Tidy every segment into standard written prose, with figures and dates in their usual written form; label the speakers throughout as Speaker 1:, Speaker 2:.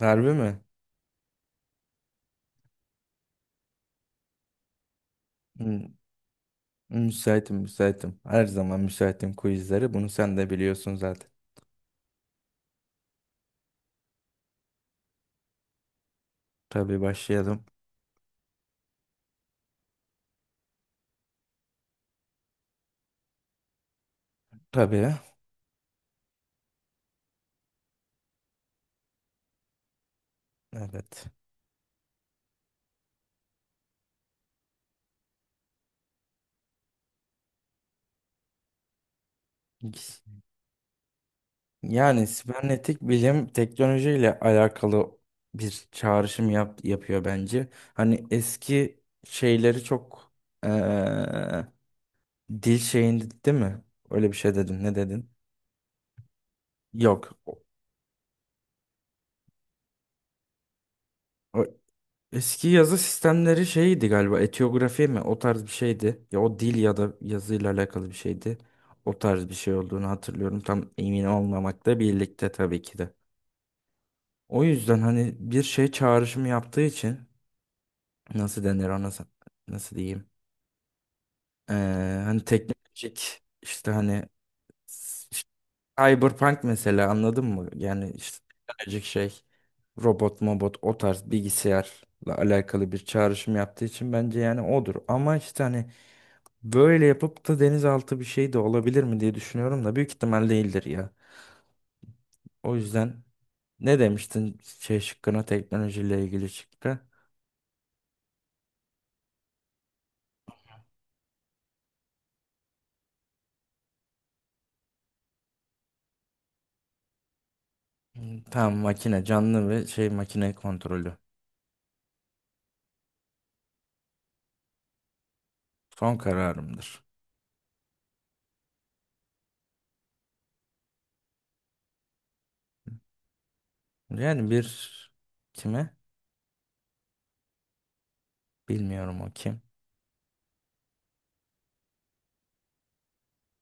Speaker 1: Harbi mi? Hmm, Müsaitim, müsaitim. Her zaman müsaitim quizlere. Bunu sen de biliyorsun zaten. Tabii başlayalım. Tabii. Evet. Yani sibernetik bilim teknolojiyle alakalı bir çağrışım yapıyor bence. Hani eski şeyleri çok eee, dil şeyinde değil mi? Öyle bir şey dedin. Ne dedin? Yok. O- Eski yazı sistemleri şeydi galiba, etiyografi mi, o tarz bir şeydi. Ya o dil ya da yazıyla alakalı bir şeydi. O tarz bir şey olduğunu hatırlıyorum. Tam emin olmamakla birlikte tabii ki de. O yüzden hani bir şey çağrışımı yaptığı için nasıl denir ona nasıl diyeyim? Ee, Hani teknolojik işte hani Cyberpunk mesela, anladın mı? Yani işte teknolojik şey, robot mobot, o tarz bilgisayarla alakalı bir çağrışım yaptığı için bence yani odur. Ama işte hani böyle yapıp da denizaltı bir şey de olabilir mi diye düşünüyorum da büyük ihtimal değildir ya. O yüzden ne demiştin şey şıkkına, teknolojiyle ilgili şıkkı? Hmm, tamam, makine canlı ve şey makine kontrolü. Son kararımdır. Yani bir, kime? Bilmiyorum, o kim.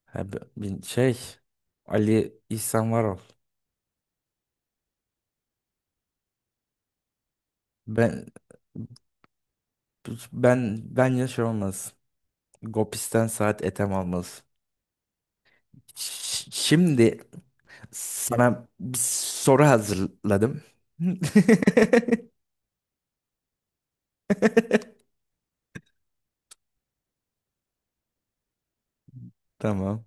Speaker 1: Ha, şey, Ali İhsan Varol. Ben ben bence şey olmaz. Gopis'ten saat etem almaz. Şimdi sana bir soru hazırladım. Tamam.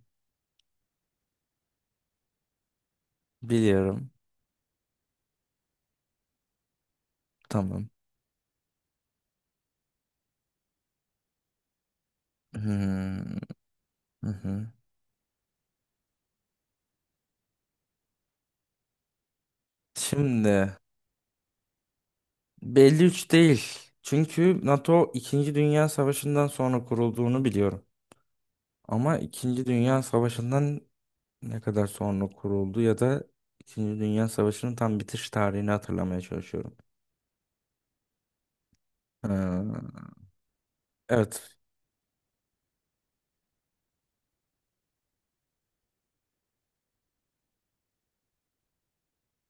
Speaker 1: Biliyorum. Tamam. Hmm, hı hı. Şimdi belli üç değil. Çünkü NATO İkinci Dünya Savaşı'ndan sonra kurulduğunu biliyorum. Ama İkinci Dünya Savaşı'ndan ne kadar sonra kuruldu ya da İkinci Dünya Savaşı'nın tam bitiş tarihini hatırlamaya çalışıyorum. Ha, evet.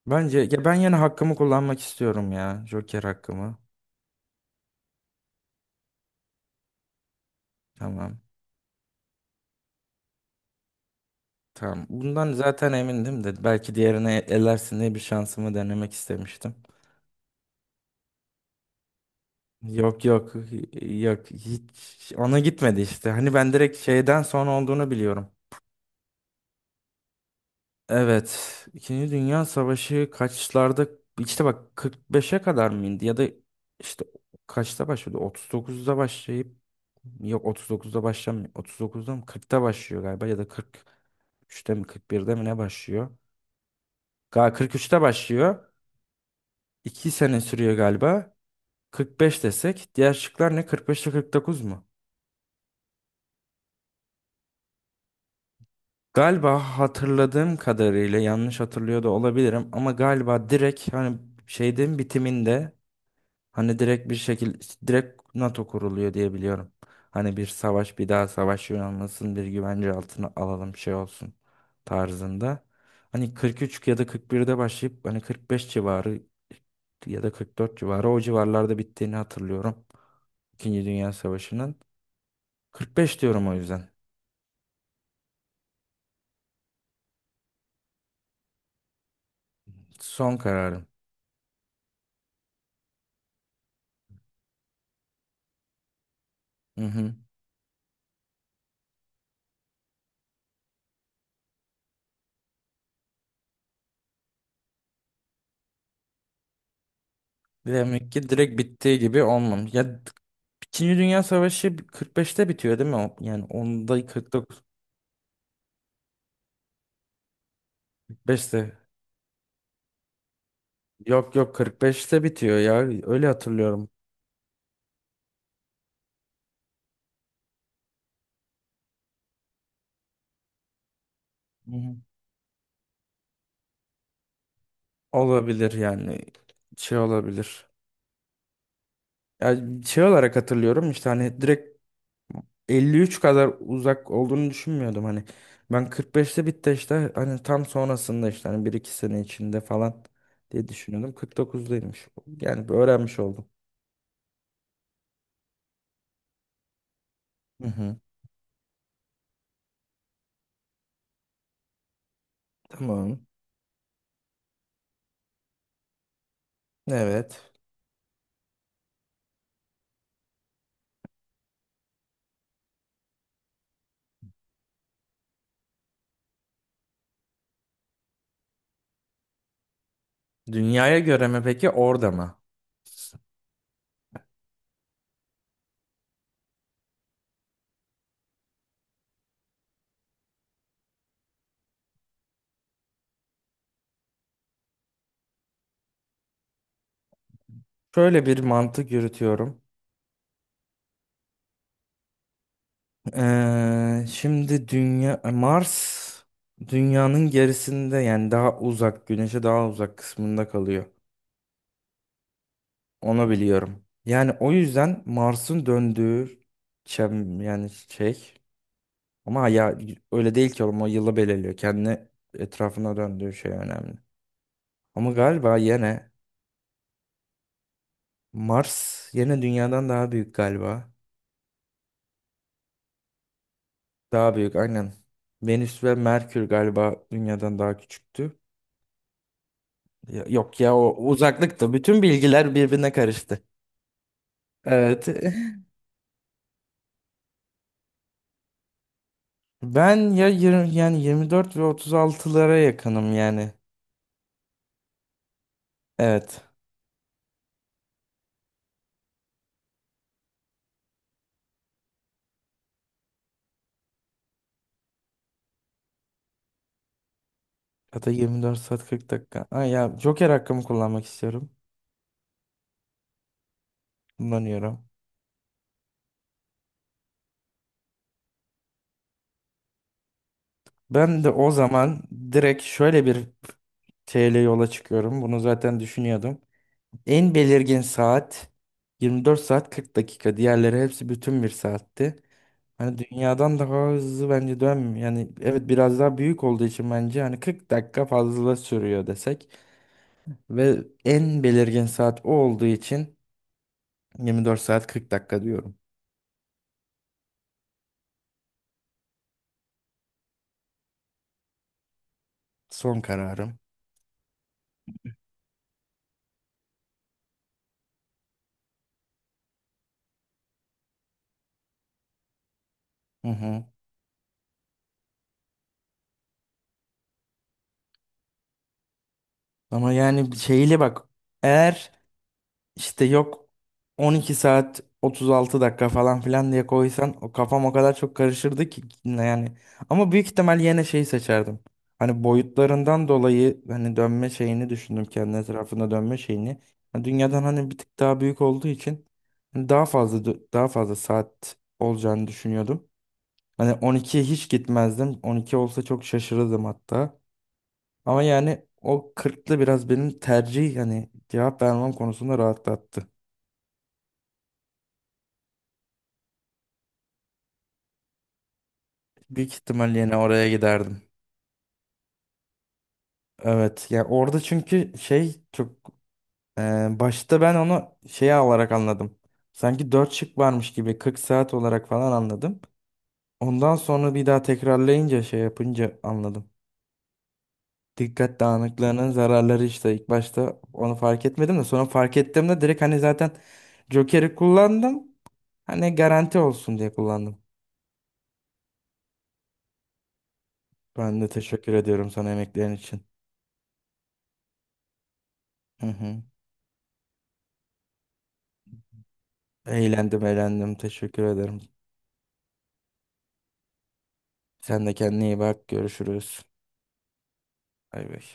Speaker 1: Bence ya, ben yine hakkımı kullanmak istiyorum ya. Joker hakkımı. Tamam. Tamam. Bundan zaten emindim de belki diğerine elersin diye bir şansımı denemek istemiştim. Yok, yok, yok, hiç ona gitmedi işte. Hani ben direkt şeyden sonra olduğunu biliyorum. Evet. İkinci Dünya Savaşı kaçlarda, işte bak 45'e kadar mı indi ya da işte kaçta başladı? 39'da başlayıp, yok, 39'da başlamıyor. 39'da mı 40'ta başlıyor galiba, ya da 43'te mi 41'de mi ne başlıyor? Galiba 43'te başlıyor. 2 sene sürüyor galiba. 45 desek, diğer şıklar ne, 45 ile 49 mu? Galiba hatırladığım kadarıyla, yanlış hatırlıyor da olabilirim ama galiba direkt hani şeyden bitiminde, hani direkt bir şekilde direkt NATO kuruluyor diye biliyorum. Hani bir savaş, bir daha savaş yaşanmasın, bir güvence altına alalım şey olsun tarzında. Hani 43 ya da 41'de başlayıp hani 45 civarı ya da 44 civarı, o civarlarda bittiğini hatırlıyorum. İkinci Dünya Savaşı'nın. 45 diyorum o yüzden. Son kararım. Hı hı. Demek ki direkt bittiği gibi olmamış. Ya İkinci Dünya Savaşı 45'te bitiyor değil mi? O? Yani onda 49, 45'te, yok, yok, 45'te bitiyor ya. Öyle hatırlıyorum. Hı hı. Olabilir yani. Şey olabilir. Yani şey olarak hatırlıyorum, işte hani direkt 53 kadar uzak olduğunu düşünmüyordum hani. Ben 45'te bitti, işte hani tam sonrasında, işte hani bir iki sene içinde falan diye düşünüyordum. 49'daymış. Yani bir öğrenmiş oldum. Hı hı. Tamam. Evet. Dünyaya göre mi peki, orada mı? Şöyle bir mantık yürütüyorum. Şimdi dünya, Mars dünyanın gerisinde, yani daha uzak, güneşe daha uzak kısmında kalıyor. Onu biliyorum. Yani o yüzden Mars'ın döndüğü yani şey, ama ya öyle değil ki oğlum, o yılı belirliyor. Kendi etrafına döndüğü şey önemli. Ama galiba yine Mars yine dünyadan daha büyük galiba. Daha büyük aynen. Venüs ve Merkür galiba dünyadan daha küçüktü. Yok ya, o uzaklıktı. Bütün bilgiler birbirine karıştı. Evet. Ben ya 20, yani 24 ve 36'lara yakınım yani. Evet. Ya da 24 saat 40 dakika. Ay ya, Joker hakkımı kullanmak istiyorum. Kullanıyorum. Ben de o zaman direkt şöyle bir şeyle yola çıkıyorum. Bunu zaten düşünüyordum. En belirgin saat 24 saat 40 dakika. Diğerleri hepsi bütün bir saatti. Hani dünyadan daha hızlı bence dönmüyor. Yani evet, biraz daha büyük olduğu için bence hani 40 dakika fazla sürüyor desek ve en belirgin saat o olduğu için 24 saat 40 dakika diyorum. Son kararım. Hı hı. Ama yani şeyle bak, eğer İşte yok 12 saat 36 dakika falan filan diye koysan, o kafam o kadar çok karışırdı ki yani. Ama büyük ihtimal yine şeyi seçerdim. Hani boyutlarından dolayı hani dönme şeyini düşündüm, kendi etrafında dönme şeyini. Yani dünyadan hani bir tık daha büyük olduğu için hani daha fazla saat olacağını düşünüyordum. Hani 12'ye hiç gitmezdim. 12 olsa çok şaşırırdım hatta. Ama yani o 40'lı biraz benim tercih yani cevap vermem konusunda rahatlattı. Büyük ihtimal yine oraya giderdim. Evet ya, orada çünkü şey çok e, başta ben onu şeye alarak anladım. Sanki 4 şık varmış gibi 40 saat olarak falan anladım. Ondan sonra bir daha tekrarlayınca, şey yapınca anladım. Dikkat dağınıklığının zararları işte, ilk başta onu fark etmedim de sonra fark ettiğimde direkt hani zaten Joker'i kullandım. Hani garanti olsun diye kullandım. Ben de teşekkür ediyorum sana emeklerin için. Hı hı. Eğlendim, eğlendim, teşekkür ederim. Sen de kendine iyi bak. Görüşürüz. Bay bay.